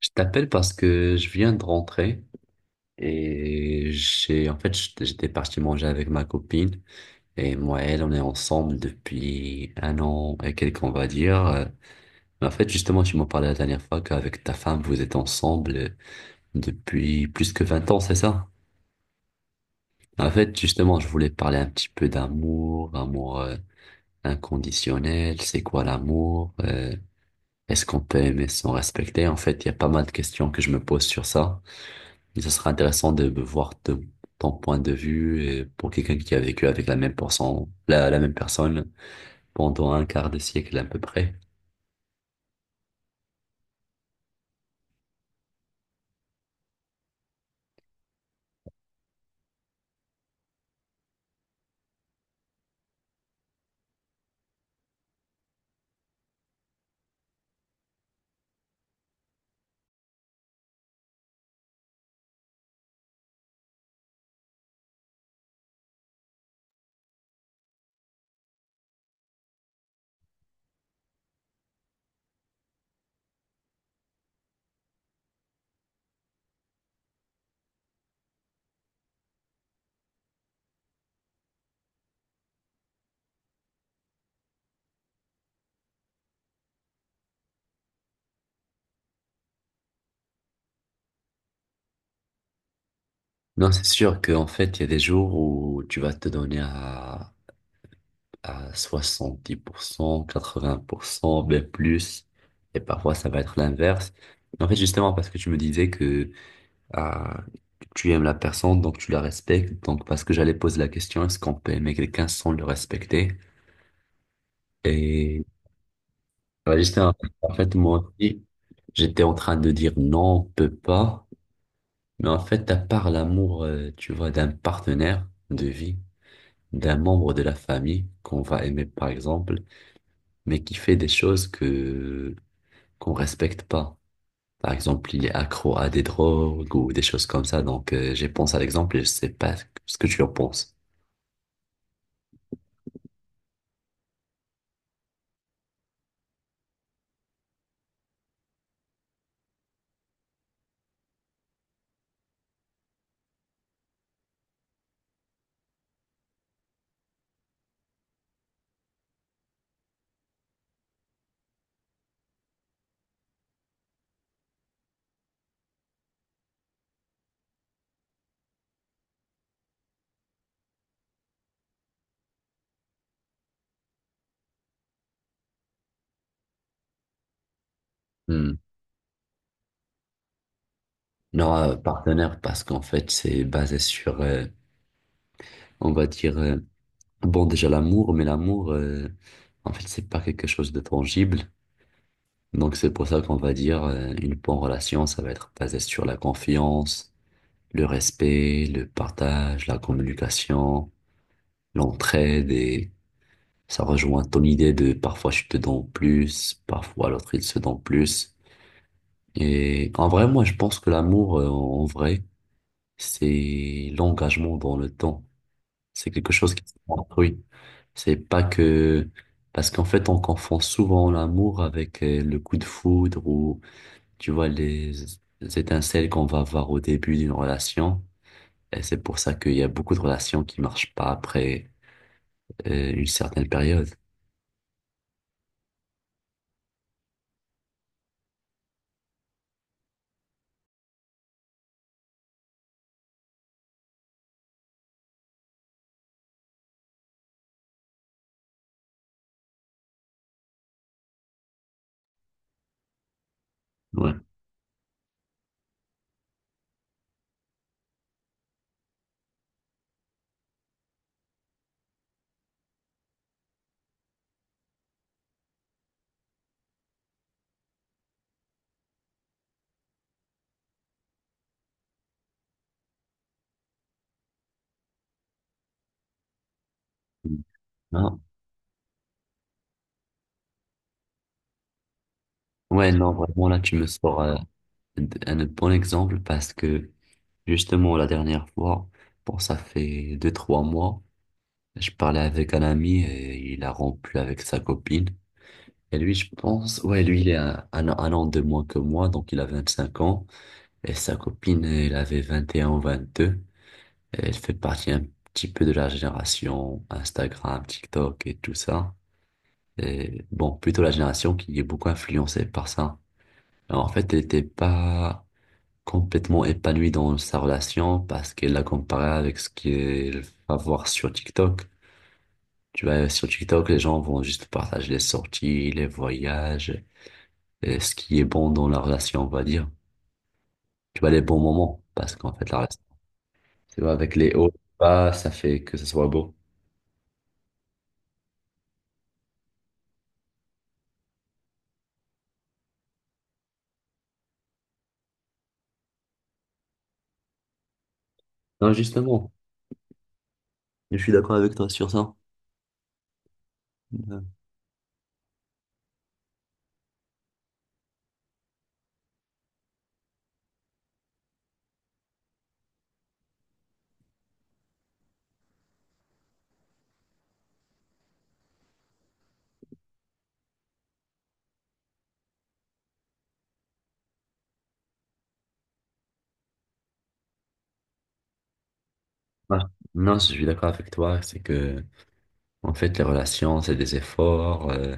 Je t'appelle parce que je viens de rentrer et j'ai en fait j'étais j'étais parti manger avec ma copine, et moi et elle on est ensemble depuis un an et quelques, on va dire. Mais en fait, justement, tu m'en parlais la dernière fois qu'avec ta femme vous êtes ensemble depuis plus que 20 ans, c'est ça? En fait, justement, je voulais parler un petit peu d'amour, amour inconditionnel. C'est quoi l'amour? Est-ce qu'on peut aimer sans respecter? En fait, il y a pas mal de questions que je me pose sur ça. Et ce sera intéressant de voir ton point de vue, et pour quelqu'un qui a vécu avec la même personne, la même personne pendant un quart de siècle à peu près. Non, c'est sûr qu'en fait, il y a des jours où tu vas te donner à 70%, 80%, même plus. Et parfois, ça va être l'inverse. En fait, justement, parce que tu me disais que, ah, tu aimes la personne, donc tu la respectes. Donc, parce que j'allais poser la question, est-ce qu'on peut aimer quelqu'un sans le respecter? Et ouais, j'étais en, en fait, moi aussi, j'étais en train de dire non, on peut pas. Mais en fait, à part l'amour, tu vois, d'un partenaire de vie, d'un membre de la famille qu'on va aimer, par exemple, mais qui fait des choses que qu'on respecte pas. Par exemple, il est accro à des drogues ou des choses comme ça. Donc, j'ai pensé à l'exemple et je sais pas ce que tu en penses. Hmm. Non, partenaire, parce qu'en fait, c'est basé sur, on va dire, bon, déjà l'amour. Mais l'amour, en fait, c'est pas quelque chose de tangible. Donc c'est pour ça qu'on va dire une bonne relation, ça va être basé sur la confiance, le respect, le partage, la communication, l'entraide, et ça rejoint ton idée de parfois je te donne plus, parfois l'autre il se donne plus. Et en vrai, moi je pense que l'amour, en vrai, c'est l'engagement dans le temps. C'est quelque chose qui se construit. C'est pas que... Parce qu'en fait, on confond souvent l'amour avec le coup de foudre, ou, tu vois, les étincelles qu'on va avoir au début d'une relation. Et c'est pour ça qu'il y a beaucoup de relations qui marchent pas après une certaine période. Ouais. Non. Ouais, non, vraiment, là, tu me sors un bon exemple, parce que, justement, la dernière fois, bon, ça fait deux, trois mois, je parlais avec un ami et il a rompu avec sa copine. Et lui, je pense, ouais, lui, il est un an de moins que moi, donc il a 25 ans. Et sa copine, elle avait 21 ou 22. Elle fait partie un petit peu de la génération Instagram, TikTok et tout ça. Et bon, plutôt la génération qui est beaucoup influencée par ça. Alors, en fait, elle n'était pas complètement épanouie dans sa relation, parce qu'elle l'a comparé avec ce qu'elle va voir sur TikTok. Tu vois, sur TikTok, les gens vont juste partager les sorties, les voyages, ce qui est bon dans la relation, on va dire. Tu vois, les bons moments, parce qu'en fait, la relation, tu vois, avec les hauts et les bas, ça fait que ça soit beau. Non, justement, je suis d'accord avec toi sur ça. Euh, ah, Non, je suis d'accord avec toi, c'est que, en fait, les relations, c'est des efforts,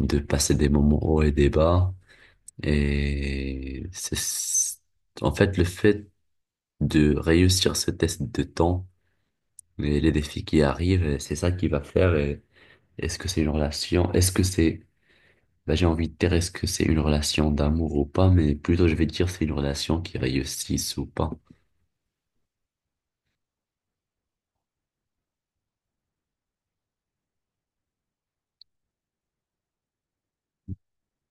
de passer des moments hauts et des bas. Et c'est, en fait, le fait de réussir ce test de temps et les défis qui arrivent, c'est ça qui va faire. Est-ce que c'est une relation? Est-ce que c'est, bah, j'ai envie de dire est-ce que c'est une relation d'amour ou pas, mais plutôt je vais dire c'est une relation qui réussisse ou pas.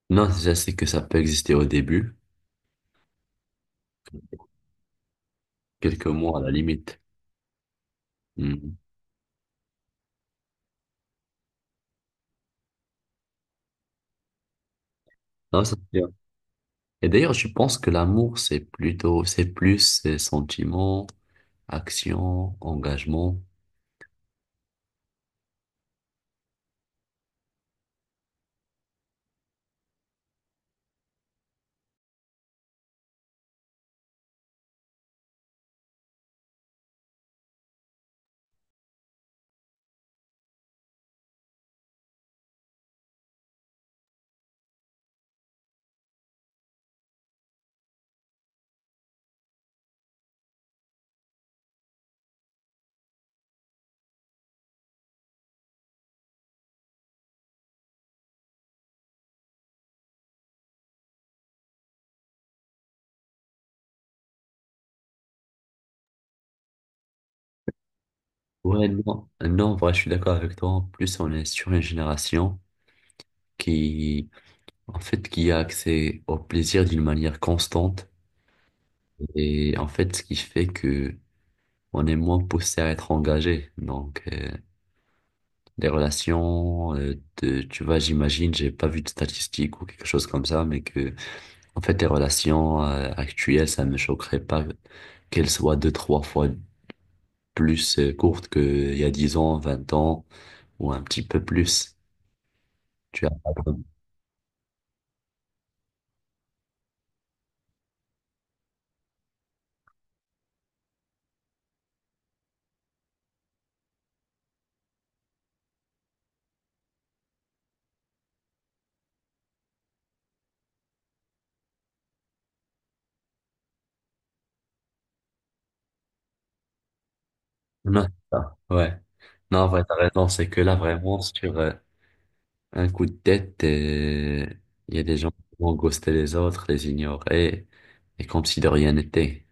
Non, je sais que ça peut exister au début, quelques mois à la limite. Mhm. Non, ça c'est bien. Et d'ailleurs, je pense que l'amour, c'est plutôt, c'est plus sentiment, action, engagement. Ouais, non, non, en vrai, je suis d'accord avec toi. En plus, on est sur une génération qui, en fait, qui a accès au plaisir d'une manière constante. Et en fait, ce qui fait que on est moins poussé à être engagé. Donc, les relations, de, tu vois, j'imagine, j'ai pas vu de statistiques ou quelque chose comme ça, mais que, en fait, les relations, actuelles, ça me choquerait pas qu'elles soient deux, trois fois plus courtes qu'il y a 10 ans, 20 ans, ou un petit peu plus. Tu as pas de-. Non, c'est ça. Ouais. Non, en vrai, t'as raison, c'est que là, vraiment, sur, un coup de tête, et il y a des gens qui vont ghoster les autres, les ignorer, et comme si de rien n'était.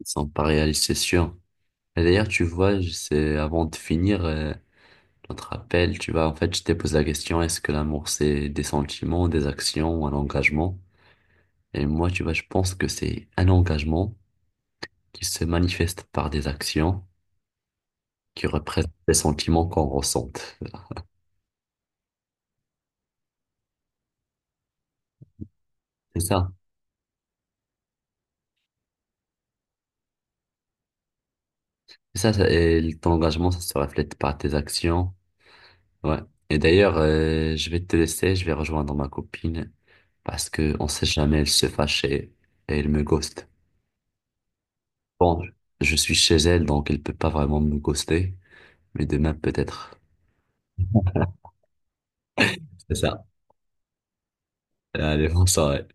Ils sont pas réalistes, c'est sûr. Et d'ailleurs, tu vois, je sais, avant de finir notre appel, tu vois, en fait, je t'ai posé la question, est-ce que l'amour, c'est des sentiments, des actions ou un engagement? Et moi, tu vois, je pense que c'est un engagement qui se manifeste par des actions qui représentent des sentiments qu'on ressente. C'est ça. C'est ça, ça, et ton engagement, ça se reflète par tes actions. Ouais. Et d'ailleurs, je vais te laisser, je vais rejoindre ma copine, parce que on sait jamais, elle se fâche et elle me ghost. Bon, je suis chez elle, donc elle peut pas vraiment me ghoster, mais demain peut-être. C'est ça. Allez, bonne soirée.